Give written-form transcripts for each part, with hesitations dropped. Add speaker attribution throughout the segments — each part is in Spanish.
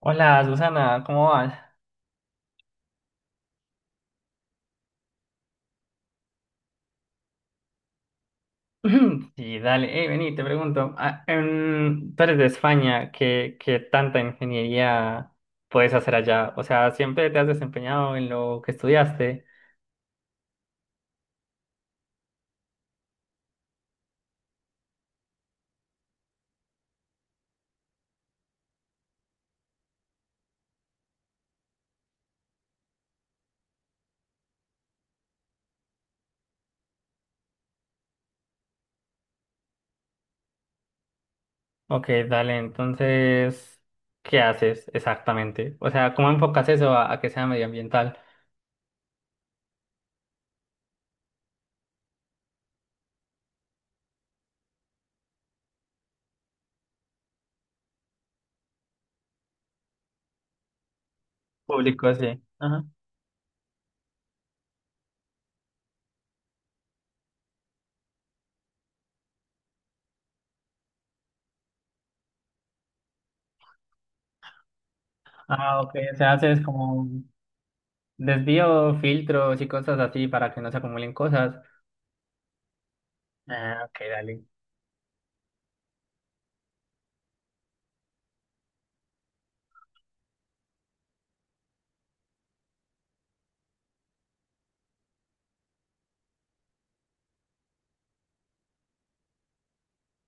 Speaker 1: Hola, Susana, ¿cómo vas? Sí, dale, hey, vení, te pregunto, tú eres de España, ¿qué tanta ingeniería puedes hacer allá? O sea, ¿siempre te has desempeñado en lo que estudiaste? Ok, dale, entonces, ¿qué haces exactamente? O sea, ¿cómo enfocas eso a que sea medioambiental? Público, sí. Ajá. Ah, ok, o sea, haces como desvío, filtros y cosas así para que no se acumulen cosas. Ah, ok, dale.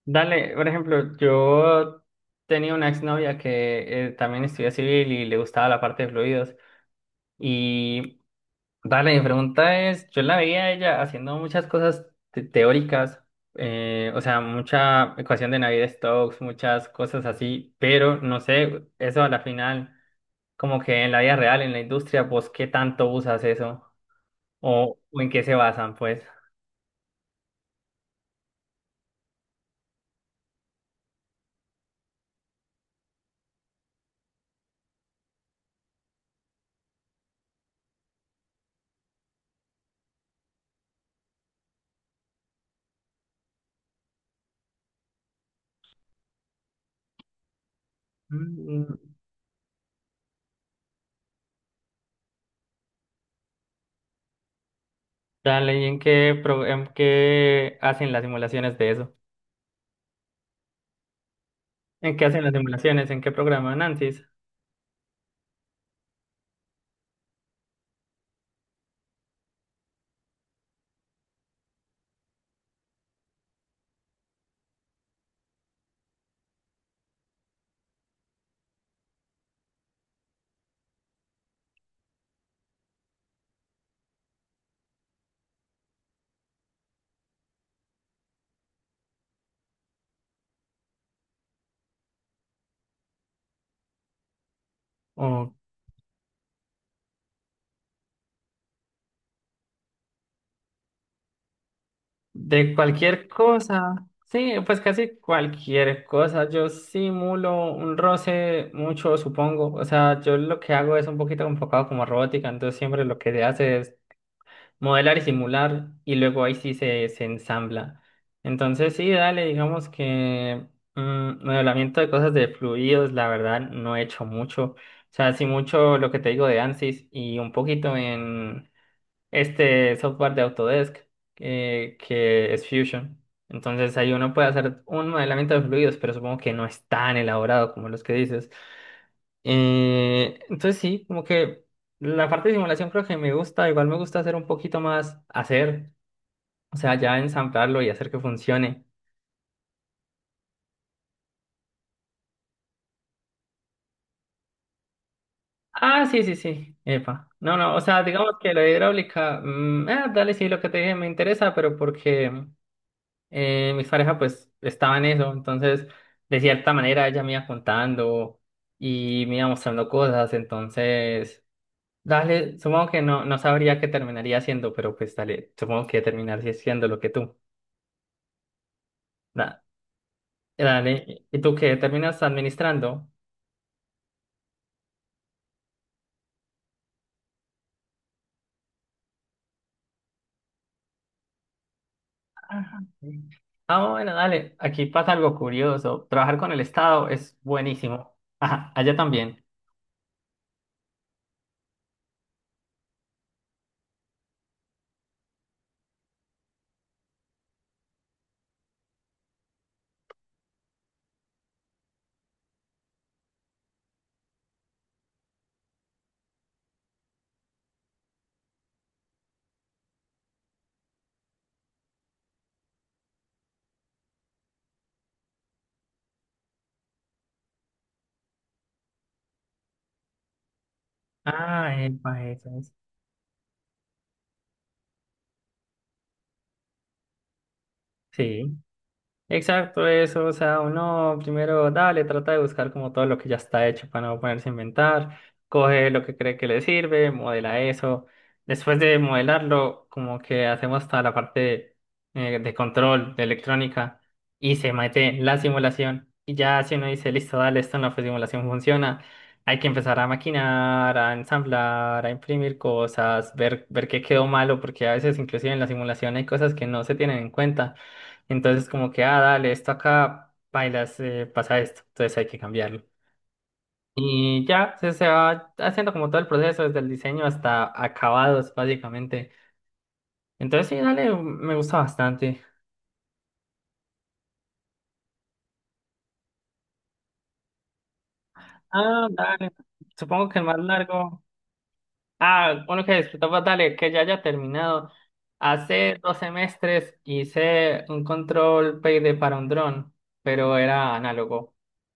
Speaker 1: Dale, por ejemplo, yo tenía una exnovia que también estudia civil y le gustaba la parte de fluidos. Y dale, mi pregunta es, yo la veía a ella haciendo muchas cosas teóricas, o sea, mucha ecuación de Navier-Stokes, muchas cosas así, pero no sé, eso a la final, como que en la vida real, en la industria, vos qué tanto usas eso o en qué se basan, pues. Mm. Dale, ¿ en qué hacen las simulaciones de eso? ¿En qué hacen las simulaciones? ¿En qué programan ANSYS? O de cualquier cosa. Sí, pues casi cualquier cosa. Yo simulo un roce mucho, supongo. O sea, yo lo que hago es un poquito enfocado como robótica, entonces siempre lo que se hace es modelar y simular y luego ahí sí se ensambla. Entonces sí, dale, digamos que modelamiento de cosas de fluidos, la verdad, no he hecho mucho. O sea, sí mucho lo que te digo de ANSYS y un poquito en... este software de Autodesk que es Fusion. Entonces ahí uno puede hacer un modelamiento de fluidos, pero supongo que no es tan elaborado como los que dices. Entonces sí, como que la parte de simulación creo que me gusta, igual me gusta hacer un poquito más, hacer, o sea, ya ensamblarlo y hacer que funcione. Ah, sí, sí, sí, epa. No, no, o sea, digamos que la hidráulica, dale, sí, lo que te dije me interesa, pero porque... mis parejas pues estaban en eso, entonces de cierta manera ella me iba contando y me iba mostrando cosas, entonces dale, supongo que no sabría qué terminaría haciendo, pero pues dale, supongo que terminaría siendo lo que tú. Da- Dale, ¿y tú qué terminas administrando? Ajá. Ah, bueno, dale, aquí pasa algo curioso. Trabajar con el Estado es buenísimo. Ajá, allá también. Ah, epa, eso es. Sí. Exacto, eso, o sea, uno primero, dale, trata de buscar como todo lo que ya está hecho para no ponerse a inventar, coge lo que cree que le sirve, modela eso, después de modelarlo, como que hacemos toda la parte de control, de electrónica, y se mete en la simulación, y ya si uno dice, listo, dale, esto en la simulación funciona, hay que empezar a maquinar, a ensamblar, a imprimir cosas, ver qué quedó malo, porque a veces inclusive en la simulación hay cosas que no se tienen en cuenta. Entonces como que, ah, dale, esto acá, bailas, pasa esto, entonces hay que cambiarlo. Y ya se va haciendo como todo el proceso, desde el diseño hasta acabados, básicamente. Entonces sí, dale, me gusta bastante. Ah, dale. Supongo que el más largo. Ah, uno que disfrutaba, dale, que ya haya terminado. Hace dos semestres hice un control PID para un dron, pero era análogo.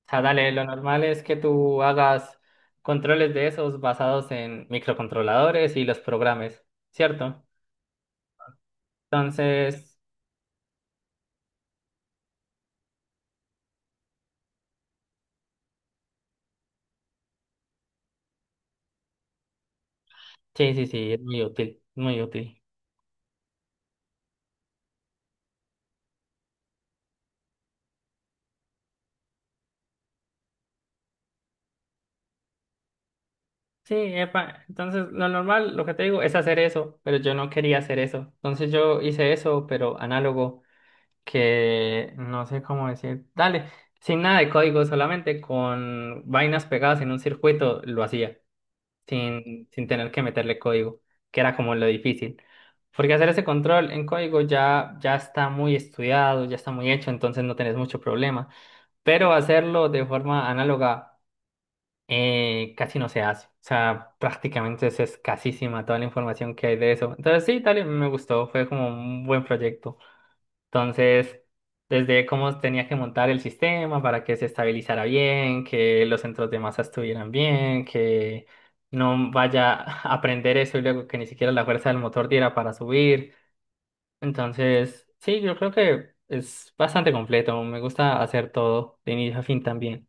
Speaker 1: O sea, dale, lo normal es que tú hagas controles de esos basados en microcontroladores y los programas, ¿cierto? Entonces, sí, sí, sí, es muy útil, muy útil. Sí, epa, entonces lo normal, lo que te digo, es hacer eso, pero yo no quería hacer eso. Entonces yo hice eso, pero análogo. Que no sé cómo decir, dale, sin nada de código, solamente con vainas pegadas en un circuito lo hacía, sin tener que meterle código, que era como lo difícil. Porque hacer ese control en código ya está muy estudiado, ya está muy hecho, entonces no tenés mucho problema. Pero hacerlo de forma análoga casi no se hace. O sea, prácticamente es escasísima toda la información que hay de eso. Entonces sí, dale, me gustó, fue como un buen proyecto. Entonces, desde cómo tenía que montar el sistema para que se estabilizara bien, que los centros de masa estuvieran bien, que no vaya a aprender eso y luego que ni siquiera la fuerza del motor diera para subir. Entonces, sí, yo creo que es bastante completo. Me gusta hacer todo de inicio a fin también.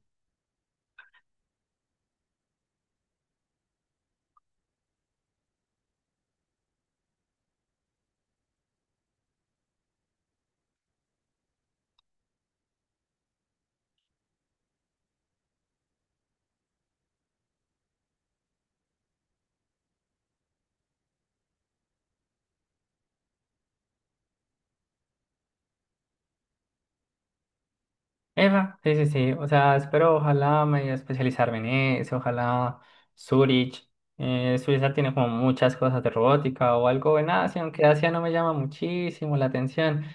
Speaker 1: Eva, sí, sí, sí. O sea, espero, ojalá medio especializarme en eso, ojalá Zurich. Suiza tiene como muchas cosas de robótica o algo en Asia, aunque Asia no me llama muchísimo la atención.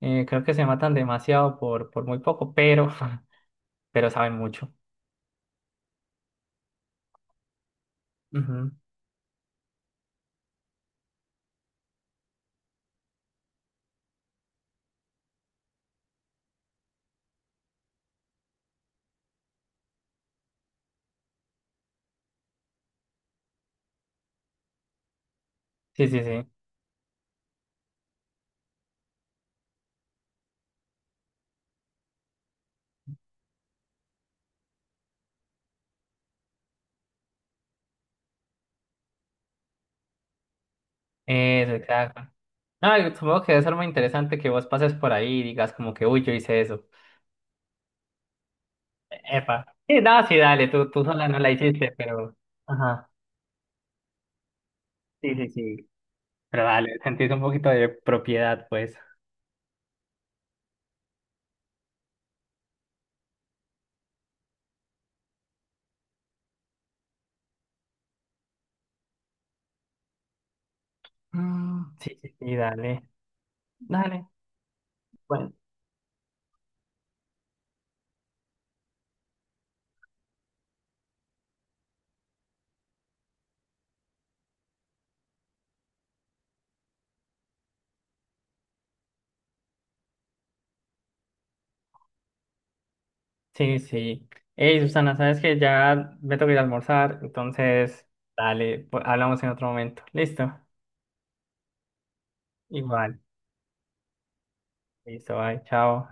Speaker 1: Creo que se matan demasiado por muy poco, pero, pero saben mucho. Ujú. Sí, sí, sí. Eso, exacto. No, y supongo que debe ser muy interesante que vos pases por ahí y digas como que, uy, yo hice eso. Epa. Sí, no, sí, dale, tú sola no la hiciste, pero... Ajá. Sí, sí, sí. Pero dale, sentís un poquito de propiedad, pues. Mm, sí, sí, sí, dale, dale. Bueno, sí, sí. Hey, Susana, sabes que ya me tengo que ir a almorzar, entonces, dale, pues, hablamos en otro momento. Listo. Igual. Listo, bye, chao.